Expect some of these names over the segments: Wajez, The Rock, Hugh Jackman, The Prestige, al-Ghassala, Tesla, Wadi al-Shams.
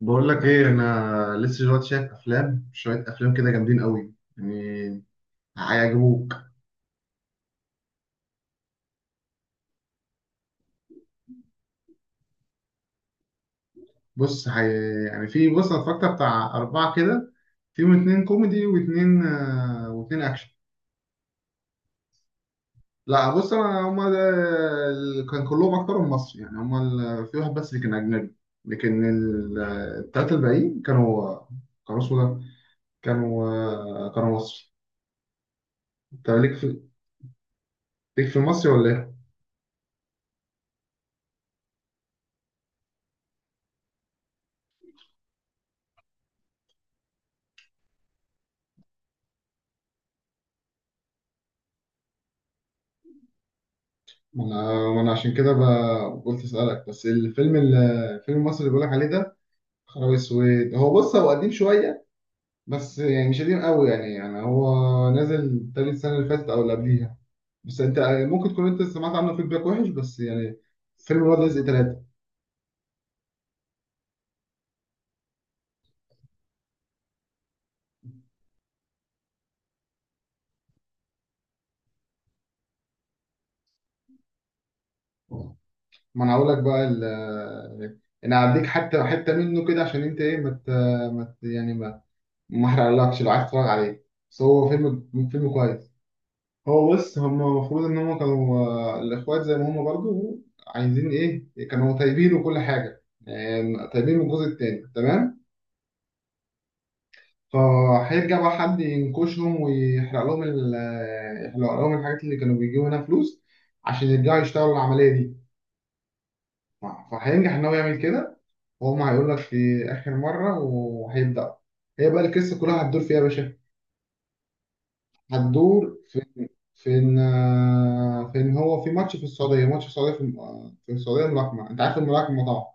بقول لك ايه؟ انا لسه دلوقتي شايف افلام، شويه افلام كده جامدين قوي يعني، هيعجبوك. بص يعني، في بص انا اتفرجت بتاع اربعه كده، فيهم اتنين كوميدي واتنين اكشن. لا، بص انا كان كلهم اكترهم مصري يعني. هما في واحد بس اللي كان اجنبي، لكن التلاته الباقيين كانوا كانوا اسمه ده كانوا آه، كانوا مصري. انت ليك في ليك في المصري ولا ايه؟ ما انا عشان كده قلت اسالك. بس الفيلم الفيلم المصري اللي بقولك عليه ده، خرابي السويد، بص، هو قديم شويه، بس يعني مش قديم قوي يعني هو نازل تاني السنه اللي فاتت او اللي قبليها. بس انت ممكن تكون انت سمعت عنه فيدباك وحش، بس يعني فيلم ولاد رزق ثلاثه. ما انا هقول لك بقى انا هديك حتى حته منه كده، عشان انت ايه، ما مت يعني، ما احرقلكش لو عايز تتفرج عليه، بس هو فيلم كويس. هو بص، هم المفروض ان هم كانوا الاخوات زي ما هم برضو عايزين ايه، كانوا طيبين وكل حاجه يعني، طيبين من الجزء التاني تمام. فهيرجع بقى حد ينكشهم ويحرق لهم ال- آه، يحرق لهم الحاجات اللي كانوا بيجيبوا منها فلوس، عشان يرجعوا يشتغلوا العمليه دي. فهينجح ان هو يعمل كده، وهم هيقول لك في اخر مره وهيبدا. هي بقى القصه كلها هتدور فيها يا باشا. هتدور فين هو؟ في ماتش في السعودية، الملاكمة. انت عارف الملاكمة طبعا.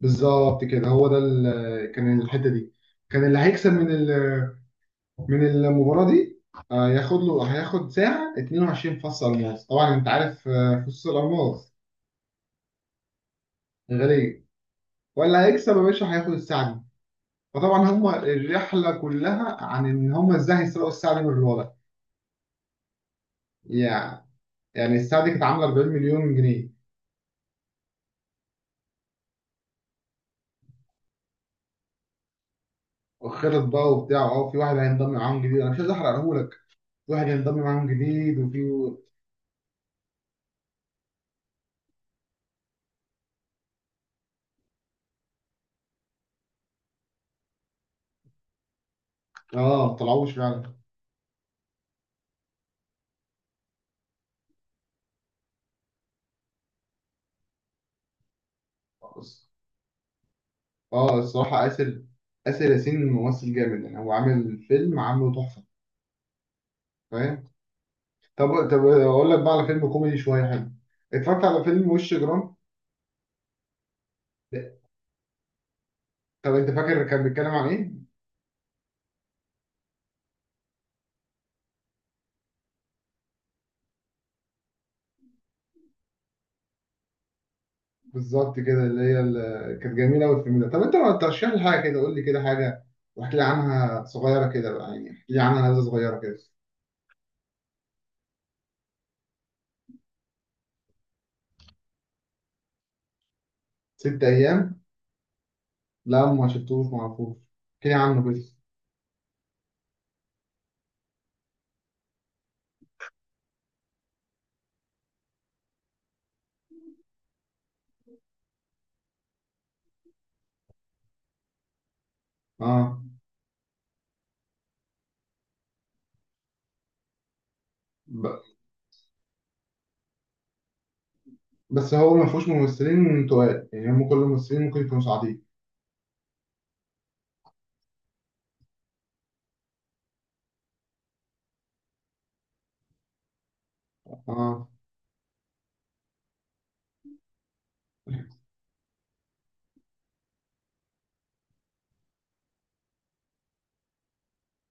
بالظبط كده، هو ده كان الحتة دي. كان اللي هيكسب من المباراة دي آه، ياخد له هياخد ساعة 22 فص ألماس. طبعا انت عارف فصوص الألماس غالية. ولا هيكسب يا باشا هياخد الساعة دي. فطبعا هم الرحلة كلها عن ان هم ازاي هيسرقوا الساعة دي من الوضع يعني. يعني الساعة دي كانت عاملة 40 مليون جنيه. وخطط بقى وبتاع، في واحد هينضم معاهم جديد، انا مش عايز احرقهولك. في واحد هينضم معاهم جديد وفي. اه، ما طلعوش فعلا. بس اه الصراحه اسر ياسين ممثل جامد يعني، هو عامل فيلم عامله تحفه، فاهم. طب طب اقول لك بقى على فيلم كوميدي شويه حلو. اتفرجت على فيلم وش جرام. طب انت فاكر كان بيتكلم عن ايه؟ بالظبط كده، اللي هي كانت جميله قوي الفيلم ده. طب انت ما ترشح لي حاجه كده، قول لي كده حاجه واحكي لي عنها صغيره كده بقى، يعني احكي لي عنها نبذه صغيره كده. ست ايام؟ لا ما شفتوش ما اعرفوش. احكيلي عنه بس. اه. ب... بس هو ما فيهوش ممثلين تقال يعني، هم كل الممثلين ممكن يكونوا صاعدين. اه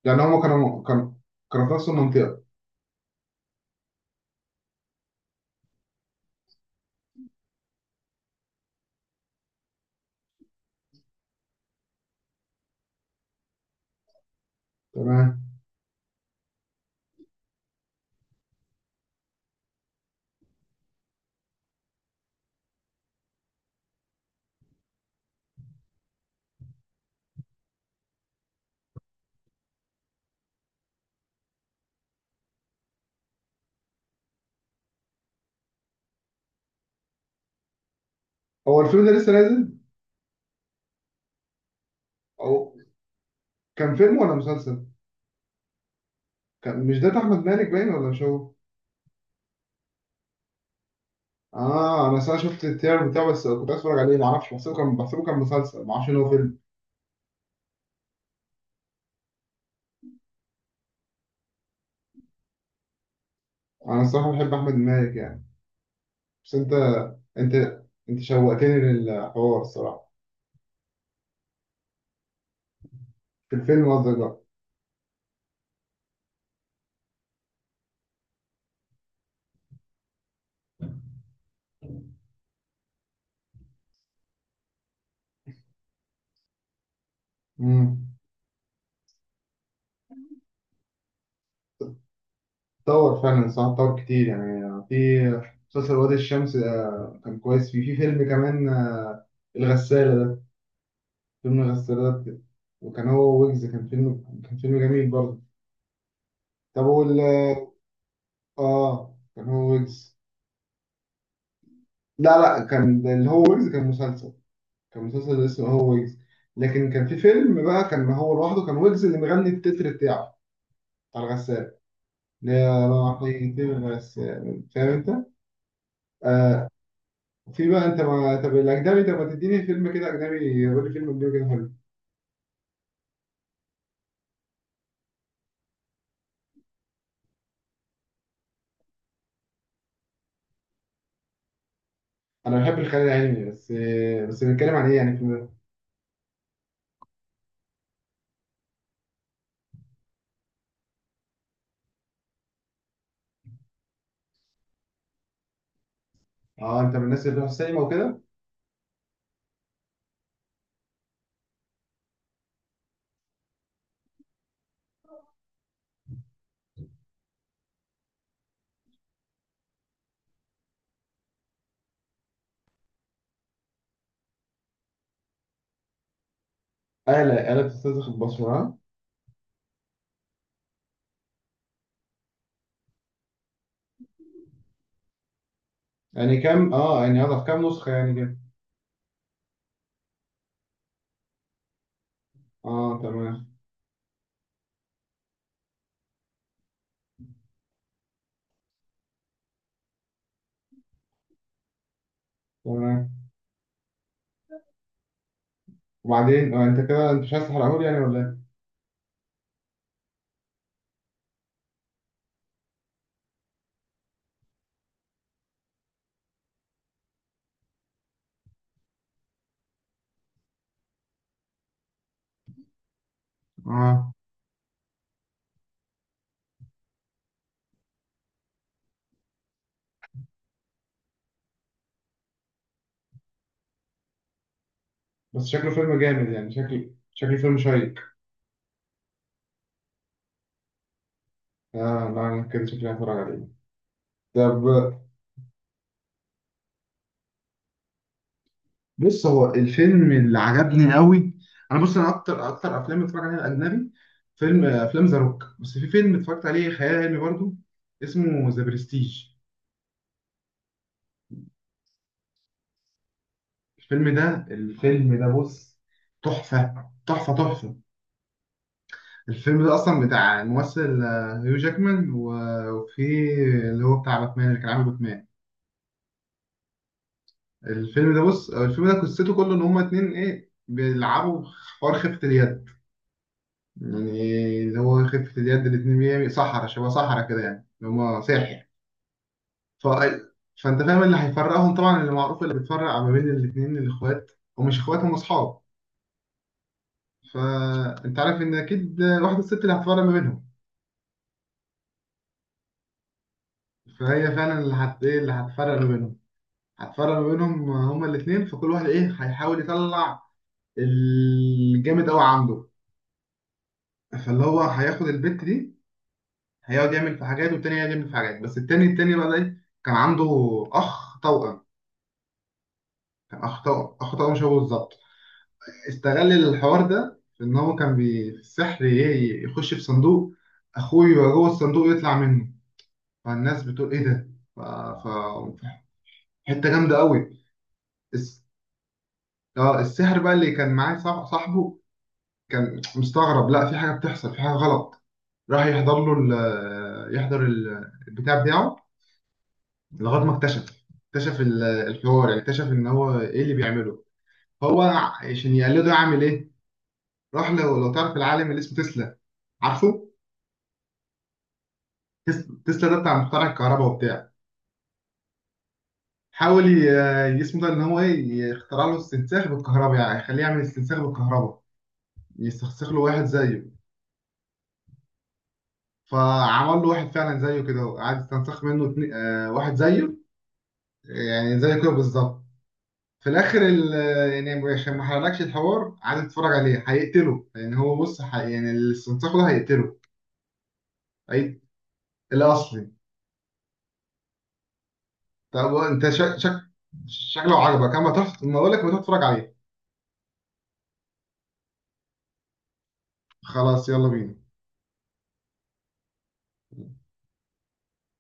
يعني هم كانوا في نفس المنطقة. تمام. هو الفيلم ده لسه نازل، او كان فيلم ولا مسلسل؟ كان مش ده بتاع احمد مالك، باين ولا مش هو؟ اه، انا اصلا شفت التريلر بتاعه بس كنت عايز اتفرج عليه، ما اعرفش، بحسبه كان مسلسل، ما اعرفش ان هو فيلم. انا الصراحة بحب احمد مالك يعني، بس انت انت شوقتني للحوار الصراحة. في الفيلم قصدك بقى. مم. طور فعلا صح، طور كتير يعني. في مسلسل وادي الشمس كان كويس، فيه. في فيلم كمان الغسالة ده، فيلم الغسالة ده. وكان هو ويجز، كان فيلم جميل برضه. طب وال اه كان هو ويجز. لا لا، كان ده اللي هو ويجز كان مسلسل اسمه هو ويجز. لكن كان في فيلم بقى كان هو لوحده، كان ويجز اللي مغني التتر بتاعه بتاع الغسالة، اللي هي راح يجيب الغسالة، فاهم انت؟ آه، في بقى انت ما، طب الاجنبي طب ما تديني فيلم كده اجنبي، قول لي فيلم اجنبي كده حلو. انا بحب الخيال العلمي، بس بنتكلم عن ايه يعني الفيلم ده؟ اه، انت من الناس اللي بتروح السينما وكده. اهلا اهلا، بتستنزف البصمه، ها؟ يعني كام، يعني هضف كام نسخه يعني كده؟ اه، تمام. تمام. وبعدين، انت كده انت مش عايز تحرقهولي يعني ولا ايه؟ اه، بس شكله فيلم جامد يعني، شكله فيلم شيق. اه، لا انا كده شكلي هتفرج عليه. طب. بص، هو الفيلم اللي عجبني قوي، انا بص، انا اكتر افلام اتفرج عليها اجنبي، فيلم آه، افلام ذا روك. بس في فيلم اتفرجت عليه خيال علمي برضو، اسمه ذا برستيج. الفيلم ده بص، تحفة تحفة تحفة. الفيلم ده اصلا بتاع الممثل هيو جاكمان و- وفي اللي هو بتاع باتمان، اللي كان عامل باتمان. الفيلم ده بص، الفيلم ده قصته كله ان هما اتنين ايه بيلعبوا حوار خفة اليد، يعني اللي هو خفة اليد، الاتنين بيعمل صحرا شبه صحرا كده، يعني اللي هما ساحر. ف... فانت فاهم اللي هيفرقهم طبعا، اللي معروف اللي بيتفرق ما بين الاتنين الاخوات، ومش اخوات هم اصحاب. فانت عارف ان اكيد واحدة، الست اللي هتفرق ما بينهم. فهي فعلا اللي هت ايه اللي هتفرق ما بينهم، هتفرق ما بينهم هما الاتنين. فكل واحد ايه هيحاول يطلع الجامد قوي عنده. فاللي هو هياخد البت دي، هيقعد يعمل في حاجات، والتاني هيقعد يعمل في حاجات، بس التاني بقى ده ايه، كان عنده اخ توأم، اخطاء مشابهه بالظبط. استغل الحوار ده في ان هو كان في السحر، يخش في صندوق، اخوه يبقى جوه الصندوق يطلع منه، فالناس بتقول ايه ده؟ ف... ف... حته جامده قوي. الس... اه السحر بقى اللي كان معاه صاحبه كان مستغرب، لا في حاجه بتحصل، في حاجه غلط. راح يحضر له البتاع بتاعه، لغايه ما اكتشف الحوار، يعني اكتشف ان هو ايه اللي بيعمله هو، عشان يقلده يعمل ايه. روح، لو تعرف العالم اللي اسمه تسلا، عارفه. تسلا ده بتاع مخترع الكهرباء وبتاع. حاول ي- اسمه ده ان هو ايه يخترع له استنساخ بالكهرباء، يعني يخليه يعمل استنساخ بالكهرباء، يستنسخ له واحد زيه. فعمل له واحد فعلا زيه كده، وقعد يستنسخ منه اتنين، واحد زيه يعني زيه كده بالظبط. في الاخر يعني عشان ما حرقلكش الحوار، قعد يتفرج عليه هيقتله، لان هو بص، يعني الاستنساخ ده هيقتله. اي الاصلي. طب انت شك شك شكله عجبك، اما تروح، ما اقول لك ما تروح تتفرج عليه. خلاص يلا بينا.